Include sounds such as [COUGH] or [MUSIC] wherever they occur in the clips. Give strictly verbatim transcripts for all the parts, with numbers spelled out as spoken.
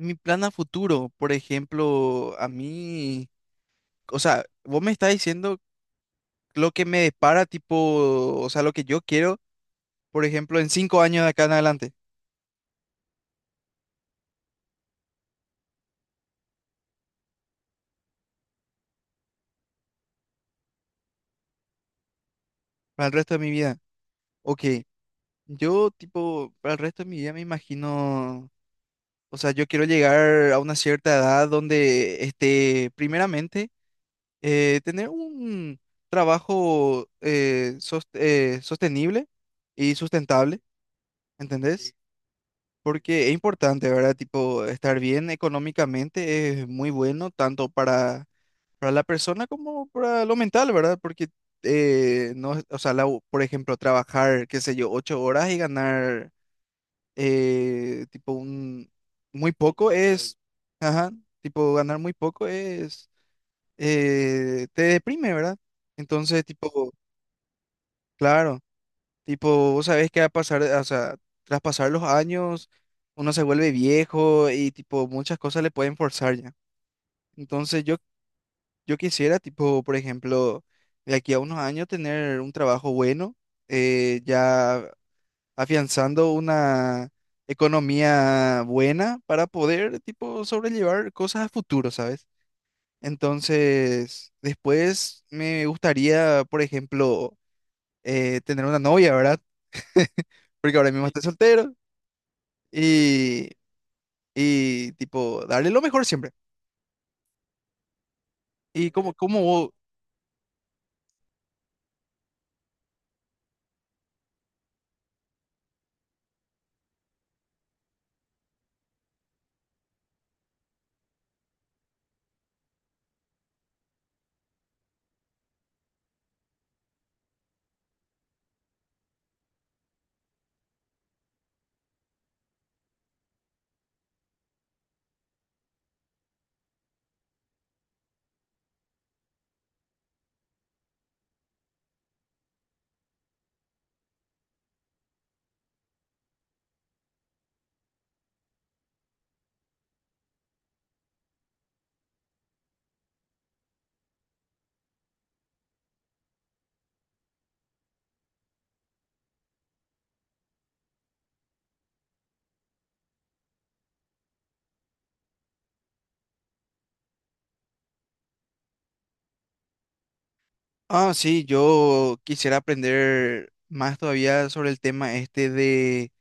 Mi plan a futuro, por ejemplo, a mí, o sea, vos me estás diciendo lo que me depara, tipo, o sea, lo que yo quiero, por ejemplo, en cinco años de acá en adelante, para el resto de mi vida. Ok, yo, tipo, para el resto de mi vida me imagino, o sea, yo quiero llegar a una cierta edad donde, este, primeramente, eh, tener un trabajo eh, sos- eh, sostenible y sustentable, ¿entendés? Porque es importante, ¿verdad? Tipo, estar bien económicamente es muy bueno tanto para, para la persona como para lo mental, ¿verdad? Porque, eh, no, es- o sea, la u- por ejemplo, trabajar, qué sé yo, ocho horas y ganar, eh, tipo, un, muy poco es, ajá, tipo, ganar muy poco es, eh, te deprime, ¿verdad? Entonces, tipo, claro. Tipo, vos sabés que a pasar, o sea, tras pasar los años, uno se vuelve viejo y tipo, muchas cosas le pueden forzar ya. Entonces yo, yo quisiera, tipo, por ejemplo, de aquí a unos años tener un trabajo bueno, eh, ya afianzando una economía buena para poder, tipo, sobrellevar cosas a futuro, ¿sabes? Entonces, después me gustaría, por ejemplo, eh, tener una novia, ¿verdad? [LAUGHS] Porque ahora mismo, sí, estoy soltero. y, y tipo, darle lo mejor siempre. Y como, como vos- ah, sí, yo quisiera aprender más todavía sobre el tema este de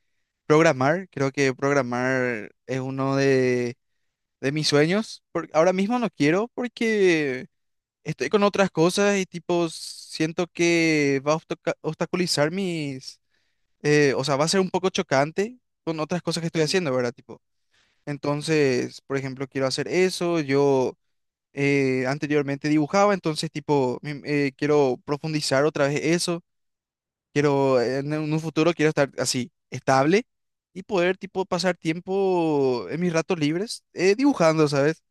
programar. Creo que programar es uno de, de mis sueños. Por- ahora mismo no quiero porque estoy con otras cosas y tipo, siento que va a obstaca- obstaculizar mis, eh, o sea, va a ser un poco chocante con otras cosas que estoy, ujú, haciendo, ¿verdad? Tipo, entonces, por ejemplo, quiero hacer eso, yo... eh, anteriormente dibujaba, entonces tipo, mi- eh, quiero profundizar otra vez eso, quiero, eh, en un futuro quiero estar así, estable y poder tipo pasar tiempo en mis ratos libres eh, dibujando, ¿sabes?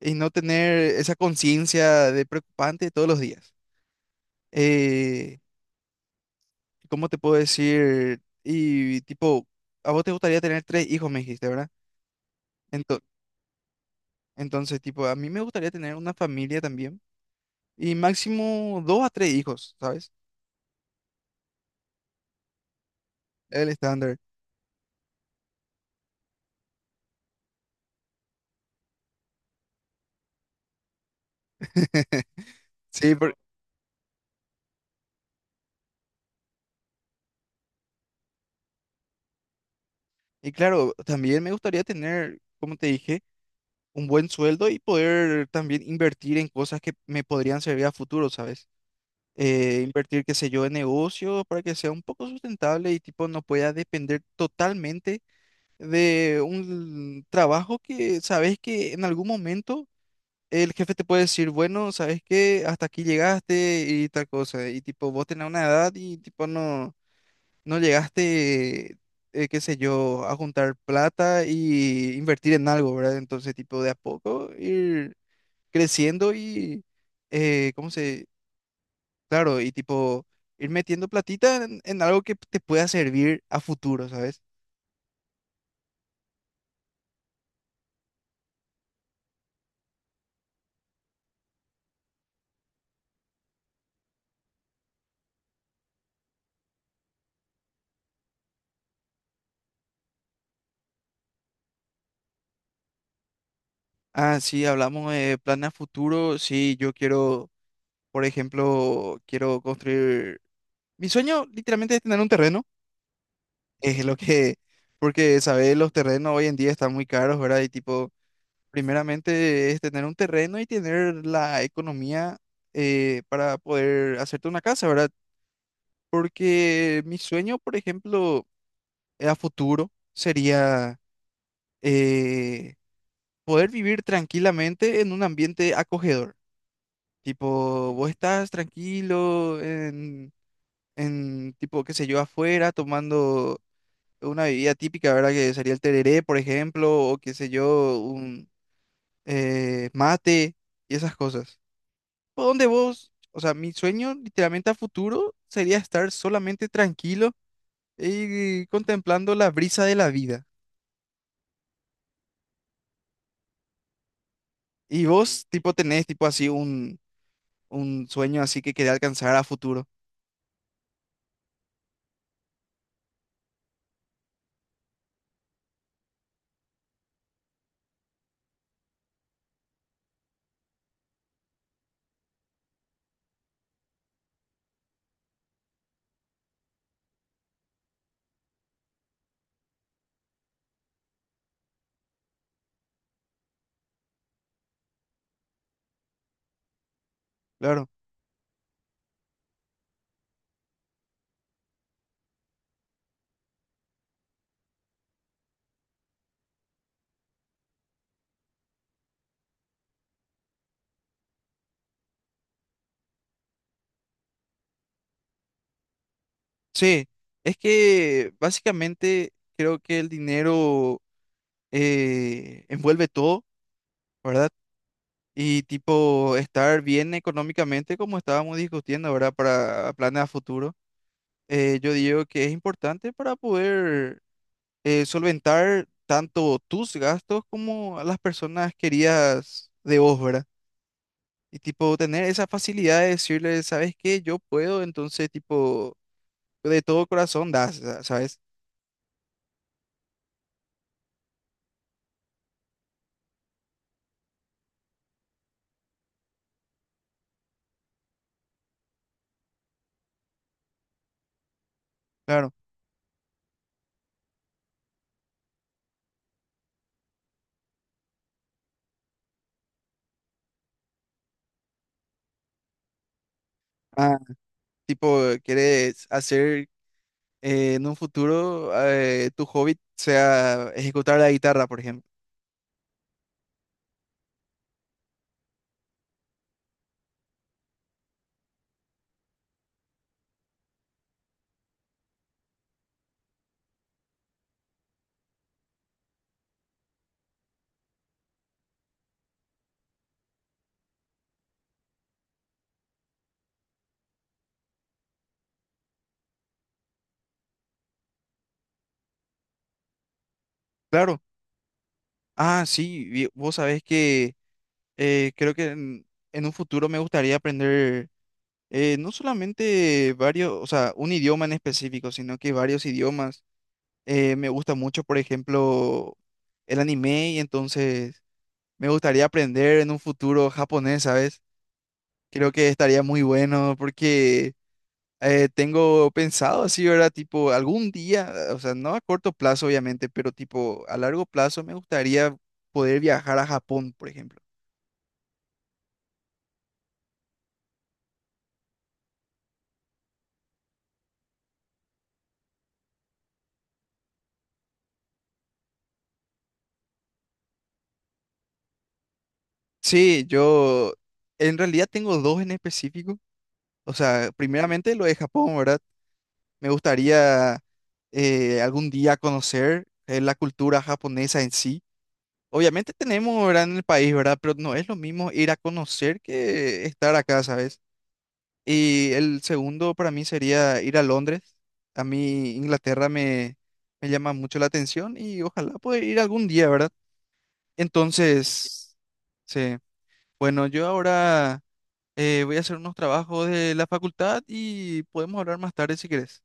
Y no tener esa conciencia de preocupante todos los días. Eh, ¿Cómo te puedo decir? Y tipo, a vos te gustaría tener tres hijos, me dijiste, ¿verdad? Ento- entonces, tipo, a mí me gustaría tener una familia también y máximo dos a tres hijos, ¿sabes? El estándar. [LAUGHS] Sí, por- y claro, también me gustaría tener, como te dije, un buen sueldo y poder también invertir en cosas que me podrían servir a futuro, ¿sabes? Eh, invertir, qué sé yo, en negocios para que sea un poco sustentable y tipo no pueda depender totalmente de un trabajo que sabes que en algún momento el jefe te puede decir, bueno, sabes que hasta aquí llegaste y tal cosa, y tipo vos tenés una edad y tipo no. ¿No llegaste, eh, qué sé yo, a juntar plata y invertir en algo, ¿verdad? Entonces, tipo, de a poco ir creciendo y, eh, ¿cómo se? Claro, y tipo, ir metiendo platita en, en algo que te pueda servir a futuro, ¿sabes? Ah, sí, hablamos de planes a futuro. Sí, yo quiero, por ejemplo, quiero construir... Mi sueño literalmente es tener un terreno. [LAUGHS] Es lo que... Porque, ¿sabes? Los terrenos hoy en día están muy caros, ¿verdad? Y tipo... Primeramente es tener un terreno y tener la economía eh, para poder hacerte una casa, ¿verdad? Porque mi sueño, por ejemplo, eh, a futuro sería eh, poder vivir tranquilamente en un ambiente acogedor. Tipo, vos estás tranquilo en, en, tipo, qué sé yo, afuera tomando una bebida típica, ¿verdad? Que sería el tereré, por ejemplo, o qué sé yo, un eh, mate y esas cosas. ¿Por dónde vos? O sea, mi sueño literalmente a futuro sería estar solamente tranquilo y contemplando la brisa de la vida. Y vos, tipo, tenés tipo así un, un sueño así que querés alcanzar a futuro. Claro. Sí, es que básicamente creo que el dinero eh, envuelve todo, ¿verdad? Y tipo, estar bien económicamente, como estábamos discutiendo, ¿verdad? Para planes a futuro eh, yo digo que es importante para poder eh, solventar tanto tus gastos como a las personas queridas de vos, ¿verdad? Y tipo, tener esa facilidad de decirle, ¿sabes qué? Yo puedo, entonces, tipo, de todo corazón das, sa- ¿sabes? Claro. Ah, tipo, quieres hacer eh, en un futuro eh, tu hobby sea ejecutar la guitarra, por ejemplo. Claro. Ah, sí, vi- vos sabés que eh, creo que en, en un futuro me gustaría aprender eh, no solamente varios, o sea, un idioma en específico, sino que varios idiomas. Eh, me gusta mucho, por ejemplo, el anime y entonces me gustaría aprender en un futuro japonés, ¿sabes? Creo que estaría muy bueno porque eh, tengo pensado así, ¿verdad? Tipo, algún día, o sea, no a corto plazo, obviamente, pero tipo, a largo plazo me gustaría poder viajar a Japón, por ejemplo. Sí, yo en realidad tengo dos en específico. O sea, primeramente lo de Japón, ¿verdad? Me gustaría eh, algún día conocer eh, la cultura japonesa en sí. Obviamente tenemos, ¿verdad? En el país, ¿verdad? Pero no es lo mismo ir a conocer que estar acá, ¿sabes? Y el segundo para mí sería ir a Londres. A mí Inglaterra me, me llama mucho la atención y ojalá poder ir algún día, ¿verdad? Entonces, sí. Bueno, yo ahora eh, voy a hacer unos trabajos de la facultad y podemos hablar más tarde si quieres.